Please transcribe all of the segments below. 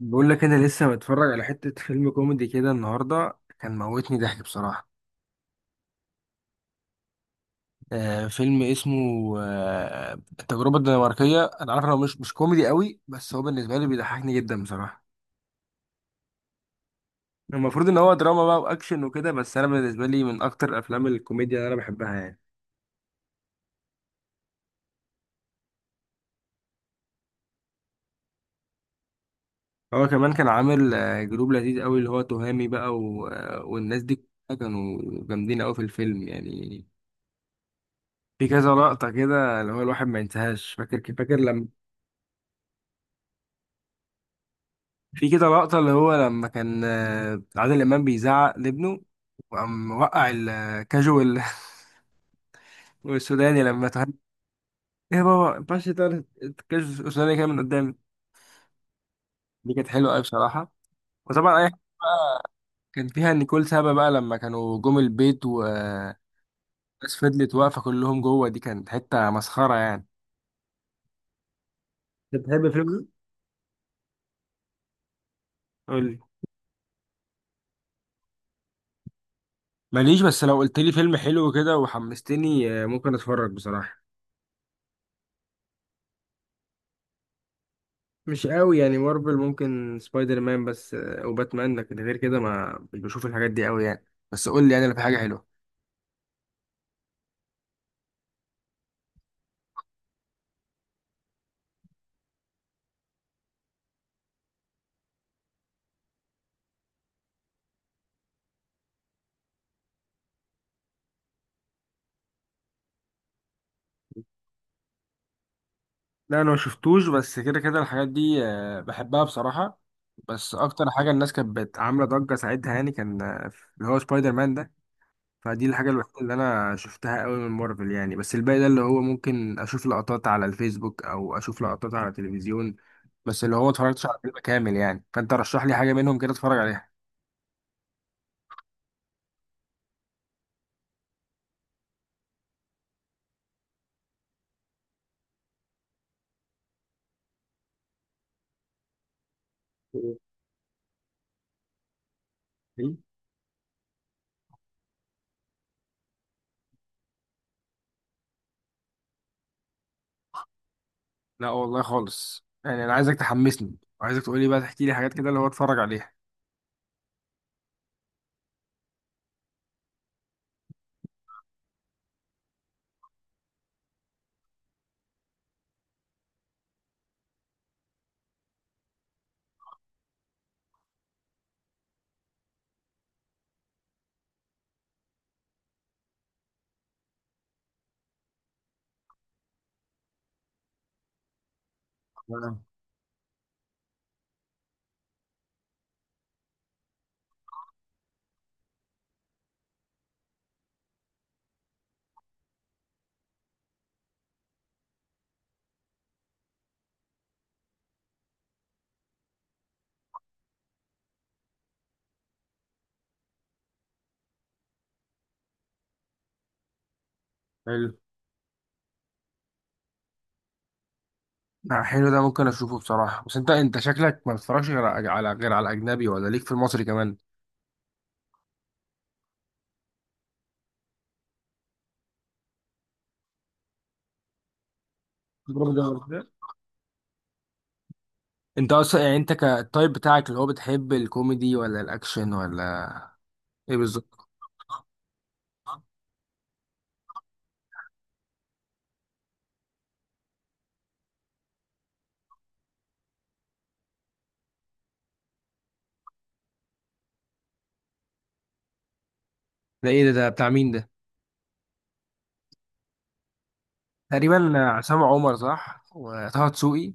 بقول لك انا لسه متفرج على حتة فيلم كوميدي كده النهارده، كان موتني ضحك بصراحة. فيلم اسمه آه التجربة الدنماركية. انا عارف انه مش كوميدي قوي، بس هو بالنسبة لي بيضحكني جدا بصراحة. المفروض ان هو دراما بقى واكشن وكده، بس انا بالنسبة لي من اكتر افلام الكوميديا اللي انا بحبها يعني. هو كمان كان عامل جروب لذيذ قوي، اللي هو تهامي بقى و... آه، والناس دي كلها كانوا جامدين قوي في الفيلم يعني. في كذا لقطة كده اللي هو الواحد ما ينساهاش. فاكر لما في كده لقطة اللي هو لما كان عادل إمام بيزعق لابنه، وقام وقع الكاجوال والسوداني لما تهدد: إيه يا بابا، ما ينفعش تقول الكاجوال السوداني كده من قدامي. دي كانت حلوة أوي بصراحة. وطبعا أي حاجة بقى كان فيها نيكول سابا، بقى لما كانوا جم البيت والناس فضلت واقفة كلهم جوه، دي كانت حتة مسخرة يعني. أنت بتحب الفيلم ده؟ قول لي. ماليش، بس لو قلت لي فيلم حلو كده وحمستني ممكن أتفرج بصراحة. مش قوي يعني مارفل، ممكن سبايدر مان بس وباتمان، لكن غير كده ما مش بشوف الحاجات دي قوي يعني. بس قول لي يعني لو في حاجه حلوه. لا انا ما شفتوش، بس كده كده الحاجات دي بحبها بصراحه. بس اكتر حاجه الناس كانت عامله ضجه ساعتها، يعني كان اللي هو سبايدر مان ده. فدي الحاجه الوحيده اللي انا شفتها قوي من مارفل يعني، بس الباقي ده اللي هو ممكن اشوف لقطات على الفيسبوك او اشوف لقطات على التلفزيون. بس اللي هو ما اتفرجتش على فيلم كامل يعني، فانت رشح لي حاجه منهم كده اتفرج عليها. لا والله خالص، يعني انا عايزك تحمسني وعايزك تقول لي بقى، تحكي لي حاجات كده اللي هو اتفرج عليها. آه، حلو. حلو ده ممكن اشوفه بصراحه. بس انت انت شكلك ما بتتفرجش غير على غير على الاجنبي، ولا ليك في المصري كمان؟ برافو ده ولا كده؟ انت اصلا يعني، انت كالتايب بتاعك اللي هو بتحب الكوميدي ولا الاكشن ولا ايه بالظبط؟ ده ايه ده بتاع مين ده؟ تقريبا عصام عمر صح، وطه دسوقي.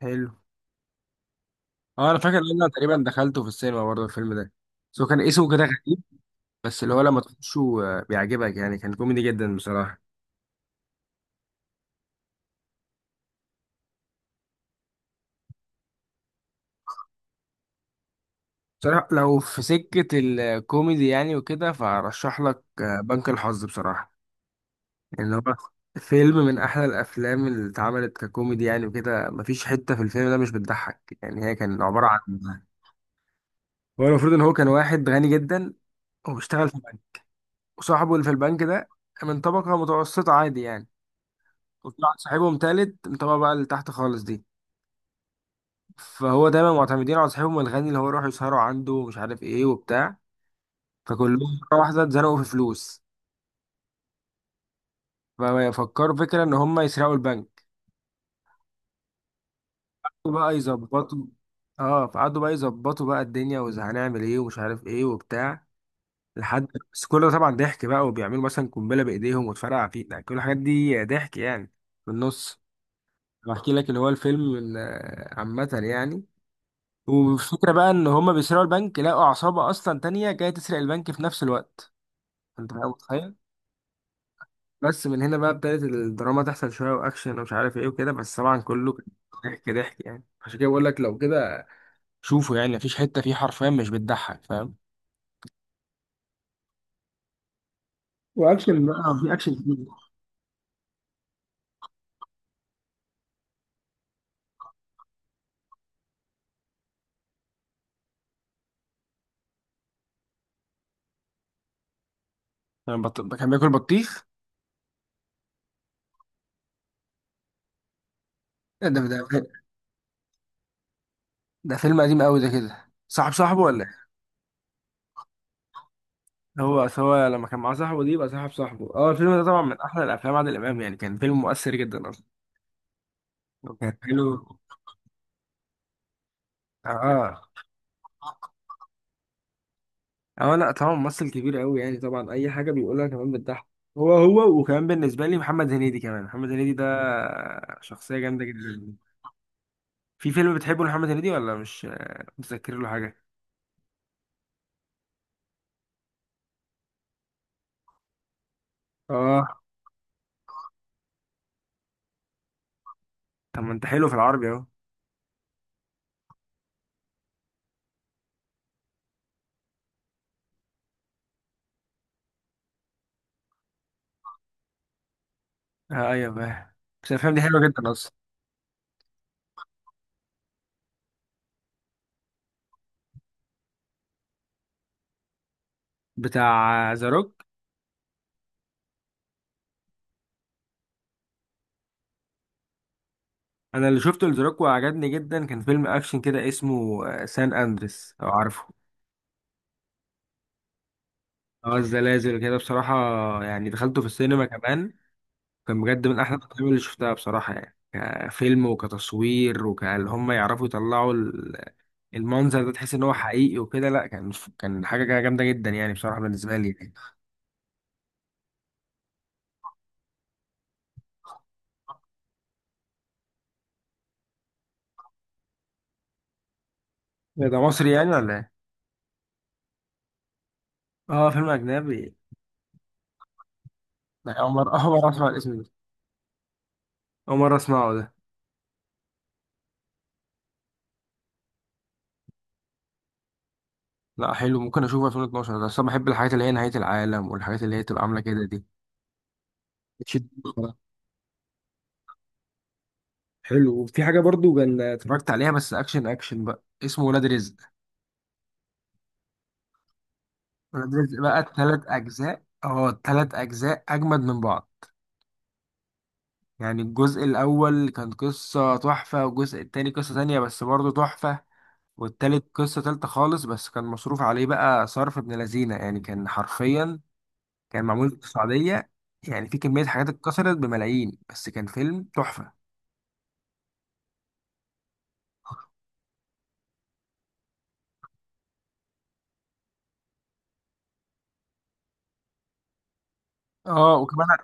حلو. اه انا فاكر ان انا تقريبا دخلته في السينما برضه الفيلم ده، بس هو كان اسمه كده غريب. بس اللي هو لما تخشه بيعجبك يعني، كان كوميدي جدا بصراحة. بصراحة لو في سكة الكوميدي يعني وكده، فأرشح لك بنك الحظ بصراحة. يعني هو فيلم من أحلى الأفلام اللي اتعملت ككوميدي يعني وكده، مفيش حتة في الفيلم ده مش بتضحك يعني. هي كان عبارة عن هو المفروض إن هو كان واحد غني جدا، وبيشتغل في بنك، وصاحبه اللي في البنك ده من طبقة متوسطة عادي يعني. وطلع صاحبهم تالت من الطبقة بقى اللي تحت خالص دي، فهو دايما معتمدين على صاحبهم الغني، اللي هو يروحوا يسهروا عنده ومش عارف ايه وبتاع. فكلهم مرة واحدة اتزنقوا في فلوس، ففكروا فكرة ان هم يسرقوا البنك بقى يظبطوا. اه فقعدوا بقى يظبطوا بقى الدنيا وهنعمل ايه ومش عارف ايه وبتاع لحد، بس كل ده طبعا ضحك بقى. وبيعملوا مثلا قنبلة بإيديهم وتفرقع فيه يعني، كل الحاجات دي ضحك يعني. في النص بحكي لك اللي هو الفيلم عامة يعني. والفكرة بقى ان هم بيسرقوا البنك لقوا عصابة اصلا تانية جاية تسرق البنك في نفس الوقت. انت بقى متخيل. بس من هنا بقى ابتدت الدراما تحصل، شويه واكشن ومش عارف ايه وكده، بس طبعا كله كان ضحك ضحك يعني. عشان كده بقول لك لو كده شوفه، يعني مفيش حته فيه حرفيا مش بتضحك، فاهم. واكشن بقى في اكشن كتير. يعني كان بياكل بطيخ. إيه ده؟ ده فيلم قديم قوي ده كده، صاحب صاحبه ولا ايه؟ هو أصل هو لما كان معاه صاحبه دي يبقى صاحب صاحبه. اه الفيلم ده طبعا من احلى الافلام عادل امام يعني، كان فيلم مؤثر جدا اصلا، وكان حلو. اه. اه لا طبعا ممثل كبير قوي يعني، طبعا اي حاجه بيقولها كمان بتضحك. هو وكمان بالنسبه لي محمد هنيدي، كمان محمد هنيدي ده شخصيه جامده جدا. في فيلم بتحبه لمحمد هنيدي ولا مش متذكر له حاجه؟ اه. طب ما انت حلو في العربي اهو. ايوه فاهم، بس الافلام دي حلوه جدا اصلا. بتاع ذا روك. انا اللي شفته لذا روك وعجبني جدا، كان فيلم اكشن كده اسمه سان اندريس لو عارفه. اه الزلازل كده بصراحه، يعني دخلته في السينما كمان. كان بجد من احلى الافلام اللي شفتها بصراحه يعني، كفيلم وكتصوير. وكان هم يعرفوا يطلعوا المنظر ده، تحس ان هو حقيقي وكده. لا كان كان حاجه كده جامده جدا يعني بصراحه بالنسبه لي يعني. إيه ده، مصري يعني ولا ايه؟ اه فيلم اجنبي. لا، اول مره اسمع الاسم ده. اول مره اسمعه ده. لا حلو، ممكن اشوفه. 2012 ده اصلا بحب الحاجات اللي هي نهايه العالم، والحاجات اللي هي تبقى عامله كده دي بتشد بصراحة. حلو. وفي حاجه برضو كان اتفرجت عليها بس اكشن اكشن بقى، اسمه ولاد رزق. ولاد بقى التلات أجزاء، اه التلات أجزاء أجمد من بعض. يعني الجزء الأول كان قصة تحفة، والجزء التاني قصة تانية بس برضه تحفة، والتالت قصة تالتة خالص. بس كان مصروف عليه بقى صرف ابن لذينة يعني، كان حرفيا كان معمول في السعودية. يعني في كمية حاجات اتكسرت بملايين، بس كان فيلم تحفة. اه وكمان.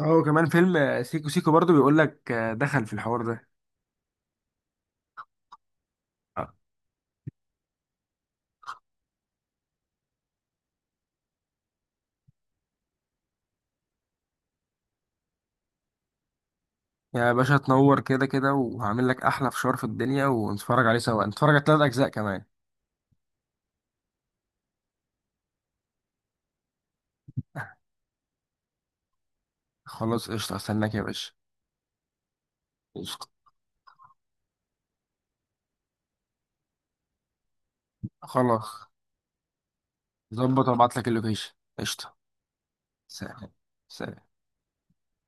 اه وكمان فيلم سيكو سيكو برضه بيقول لك دخل في الحوار ده. يعني يا باشا تنور كده كده، وهعمل لك احلى فشار في الدنيا ونتفرج عليه سوا، نتفرج على ثلاث اجزاء كمان. خلاص قشطه، استناك يا باشا. قشطه. خلاص. ظبط، وابعت لك اللوكيشن. قشطه. سلام. سلام.